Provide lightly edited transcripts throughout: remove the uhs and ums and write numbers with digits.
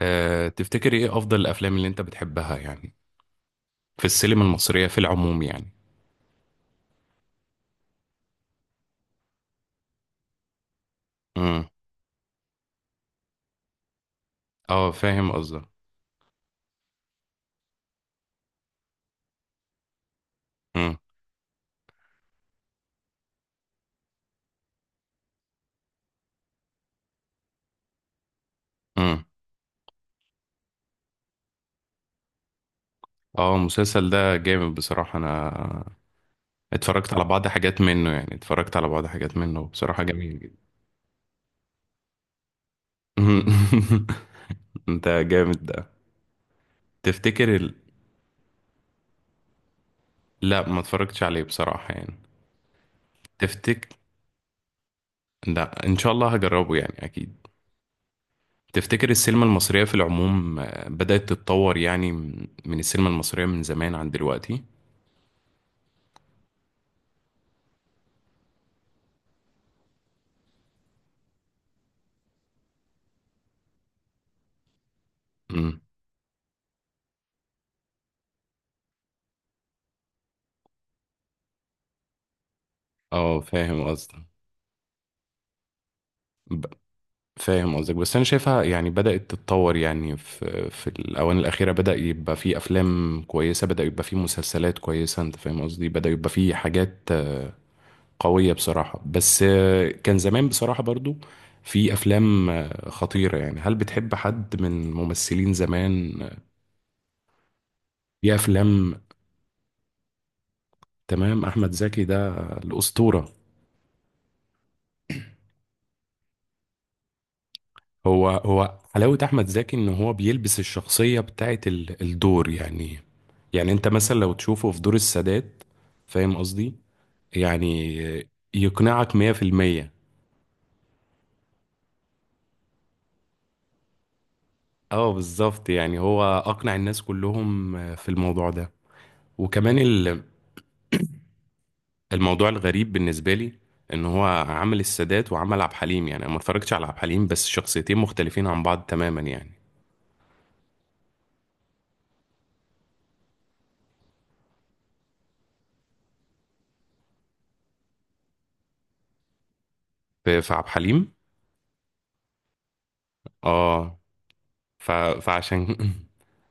أه، تفتكري ايه افضل الافلام اللي انت بتحبها يعني في السينما المصرية في العموم يعني. امم. اه، فاهم قصدك. امم. امم. اه، المسلسل ده جامد بصراحة. انا اتفرجت على بعض حاجات منه يعني اتفرجت على بعض حاجات منه، بصراحة جميل جدا. انت جامد ده. تفتكر لا، ما اتفرجتش عليه بصراحة يعني. تفتكر. لا، ان شاء الله هجربه يعني اكيد. تفتكر السينما المصرية في العموم بدأت تتطور يعني من السينما المصرية من زمان عن دلوقتي؟ امم. اه، فاهم قصدك. ب- فاهم قصدك، بس انا شايفها يعني بدأت تتطور يعني في الاوان الاخيره. بدأ يبقى في افلام كويسه، بدأ يبقى في مسلسلات كويسه. انت فاهم قصدي. بدأ يبقى في حاجات قويه بصراحه. بس كان زمان بصراحه برضو في افلام خطيره يعني. هل بتحب حد من ممثلين زمان في افلام. تمام، احمد زكي ده الاسطوره. هو حلاوة أحمد زكي إن هو بيلبس الشخصية بتاعت الدور يعني. يعني أنت مثلا لو تشوفه في دور السادات. فاهم قصدي يعني. يقنعك 100%. اه، بالظبط، يعني هو أقنع الناس كلهم في الموضوع ده. وكمان الموضوع الغريب بالنسبة لي إن هو عمل السادات وعمل عبد الحليم، يعني أنا ما اتفرجتش على عبد الحليم، بس شخصيتين مختلفين عن بعض تماما يعني. في عبد الحليم. اه، ف... فعشان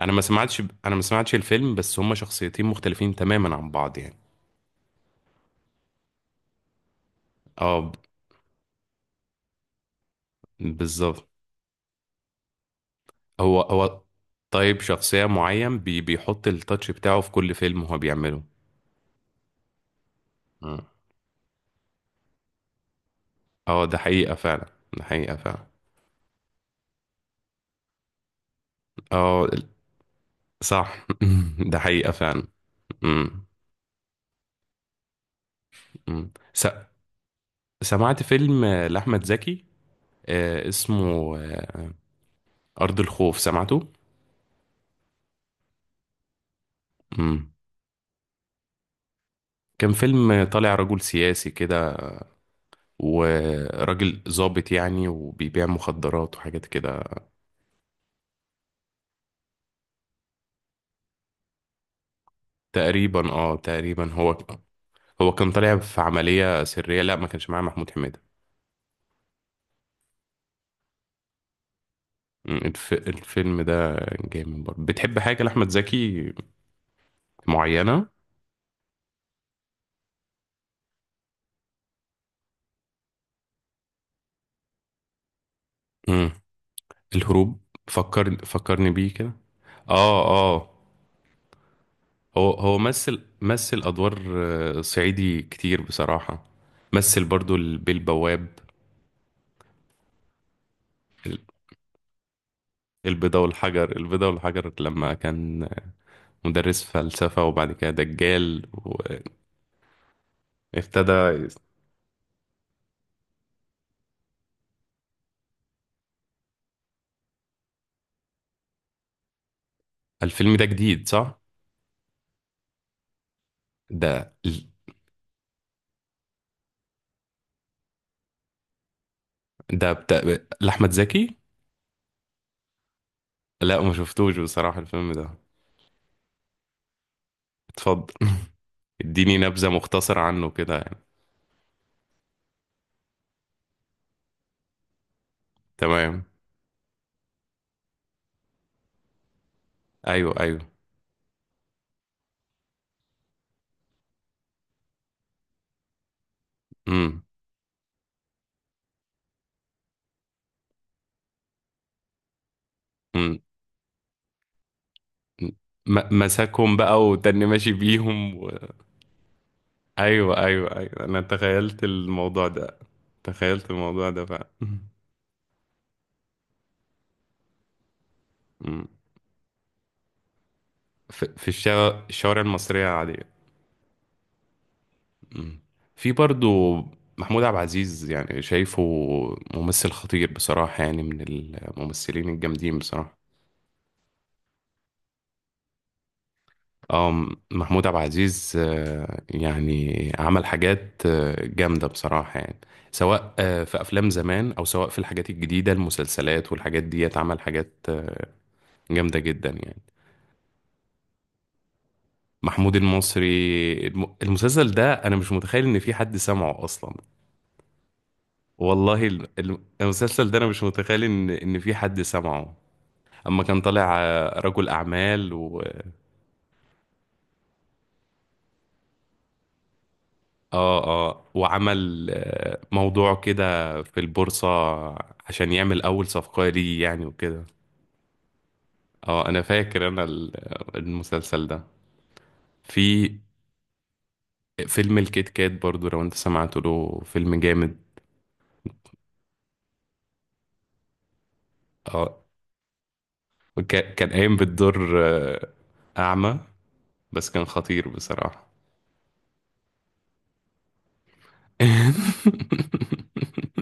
انا ما سمعتش الفيلم، بس هما شخصيتين مختلفين تماما عن بعض يعني. اه، بالظبط. هو طيب، شخصية معين بيحط التاتش بتاعه في كل فيلم هو بيعمله. مم. اه، ده حقيقة فعلا. ده حقيقة فعلا. اه، صح. ده حقيقة فعلا. مم. مم. سمعت فيلم لأحمد زكي، اسمه أرض الخوف، سمعته؟ مم. كان فيلم طالع رجل سياسي كده، وراجل ظابط يعني، وبيبيع مخدرات وحاجات كده. تقريبا، اه، تقريبا هو. هو كان طالع في عملية سرية، لا، ما كانش معاه محمود حميدة. مم، الفيلم ده جامد برضه. بتحب حاجة لأحمد زكي معينة؟ مم. الهروب. فكرني بيه كده. اه، اه. هو مثل أدوار صعيدي كتير بصراحة. مثل برضو البيه البواب. البيضة والحجر، لما كان مدرس فلسفة وبعد كده دجال وابتدى. الفيلم ده جديد، صح؟ ده ده بتاع لأحمد زكي؟ لا، ما شفتوش بصراحة الفيلم ده. اتفضل. اديني نبذة مختصرة عنه كده يعني. تمام. ايوه، ايوه. امم. امم. مسكهم بقى وتاني ماشي بيهم ايوه، ايوه، ايوه، انا تخيلت الموضوع ده. تخيلت الموضوع ده فعلا. أمم. في الشوارع المصرية عادية. مم. في برضو محمود عبد العزيز يعني، شايفه ممثل خطير بصراحة يعني، من الممثلين الجامدين بصراحة. اه، محمود عبد العزيز يعني عمل حاجات جامدة بصراحة يعني. سواء في أفلام زمان، أو سواء في الحاجات الجديدة، المسلسلات والحاجات دي، عمل حاجات جامدة جدا يعني. محمود المصري. المسلسل ده أنا مش متخيل إن في حد سمعه أصلا. والله، المسلسل ده أنا مش متخيل إن في حد سمعه. اما كان طالع رجل اعمال و، اه، اه، وعمل موضوع كده في البورصة، عشان يعمل اول صفقة ليه يعني وكده. اه، انا فاكر، انا المسلسل ده في فيلم الكيت كات برضو، لو انت سمعت له. فيلم جامد. اه، كان قايم بالدور اعمى، بس كان خطير بصراحة.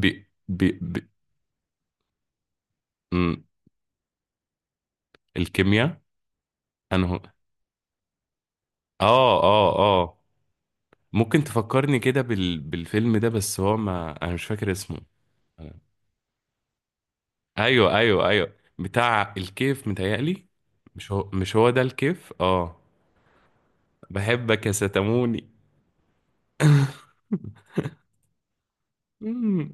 بي بي بي مم، الكيمياء. هو، اه، اه، اه. ممكن تفكرني كده بالفيلم ده، بس هو ما انا مش فاكر اسمه. ايوه، ايوه، ايوه، بتاع الكيف متهيألي. مش هو ده الكيف، اه. بحبك يا ستموني. مم.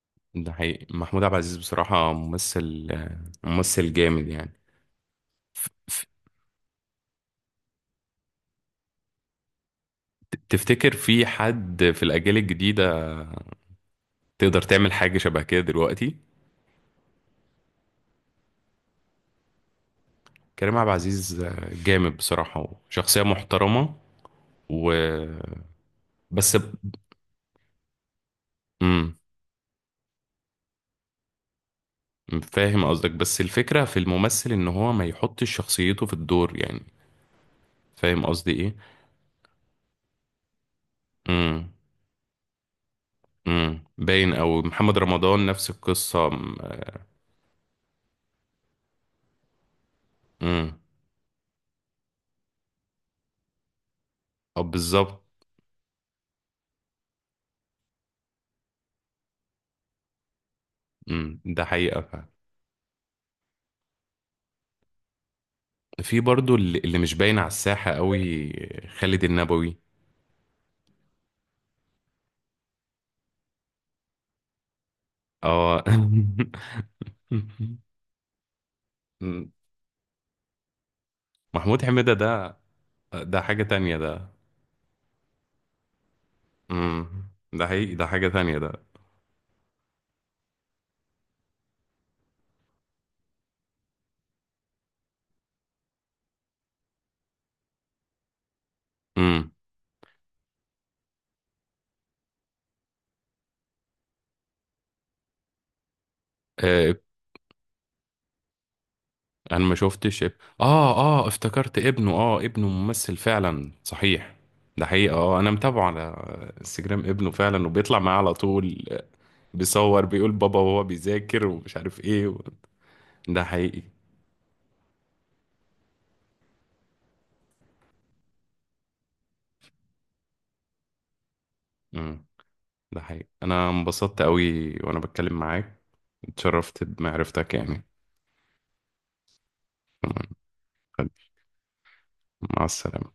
ده حقيقي، محمود عبد العزيز بصراحة ممثل جامد يعني. ف- تفتكر في حد في الأجيال الجديدة تقدر تعمل حاجة شبه كده دلوقتي؟ كريم عبد العزيز جامد بصراحة. وشخصية محترمة، و بس. مم. فاهم قصدك، بس الفكرة في الممثل ان هو ما يحطش شخصيته في الدور يعني. فاهم قصدي ايه؟ امم. باين او محمد رمضان نفس القصة. امم اه، بالظبط. ده حقيقة فعلا. في برضو اللي مش باين على الساحة قوي، خالد النبوي. اه. مم. محمود حميدة ده حاجة تانية ده. ده حقيقي، ده حاجة تانية ده. امم انا ما شفتش اه، اه، افتكرت ابنه ممثل فعلا صحيح. ده حقيقة، اه، انا متابعه على انستجرام ابنه فعلا، وبيطلع معاه على طول. بيصور، بيقول بابا وهو بيذاكر ومش عارف ايه ده حقيقي. امم ده حقيقي، انا انبسطت قوي وانا بتكلم معاك. اتشرفت بمعرفتك يعني. تمام. مع السلامة.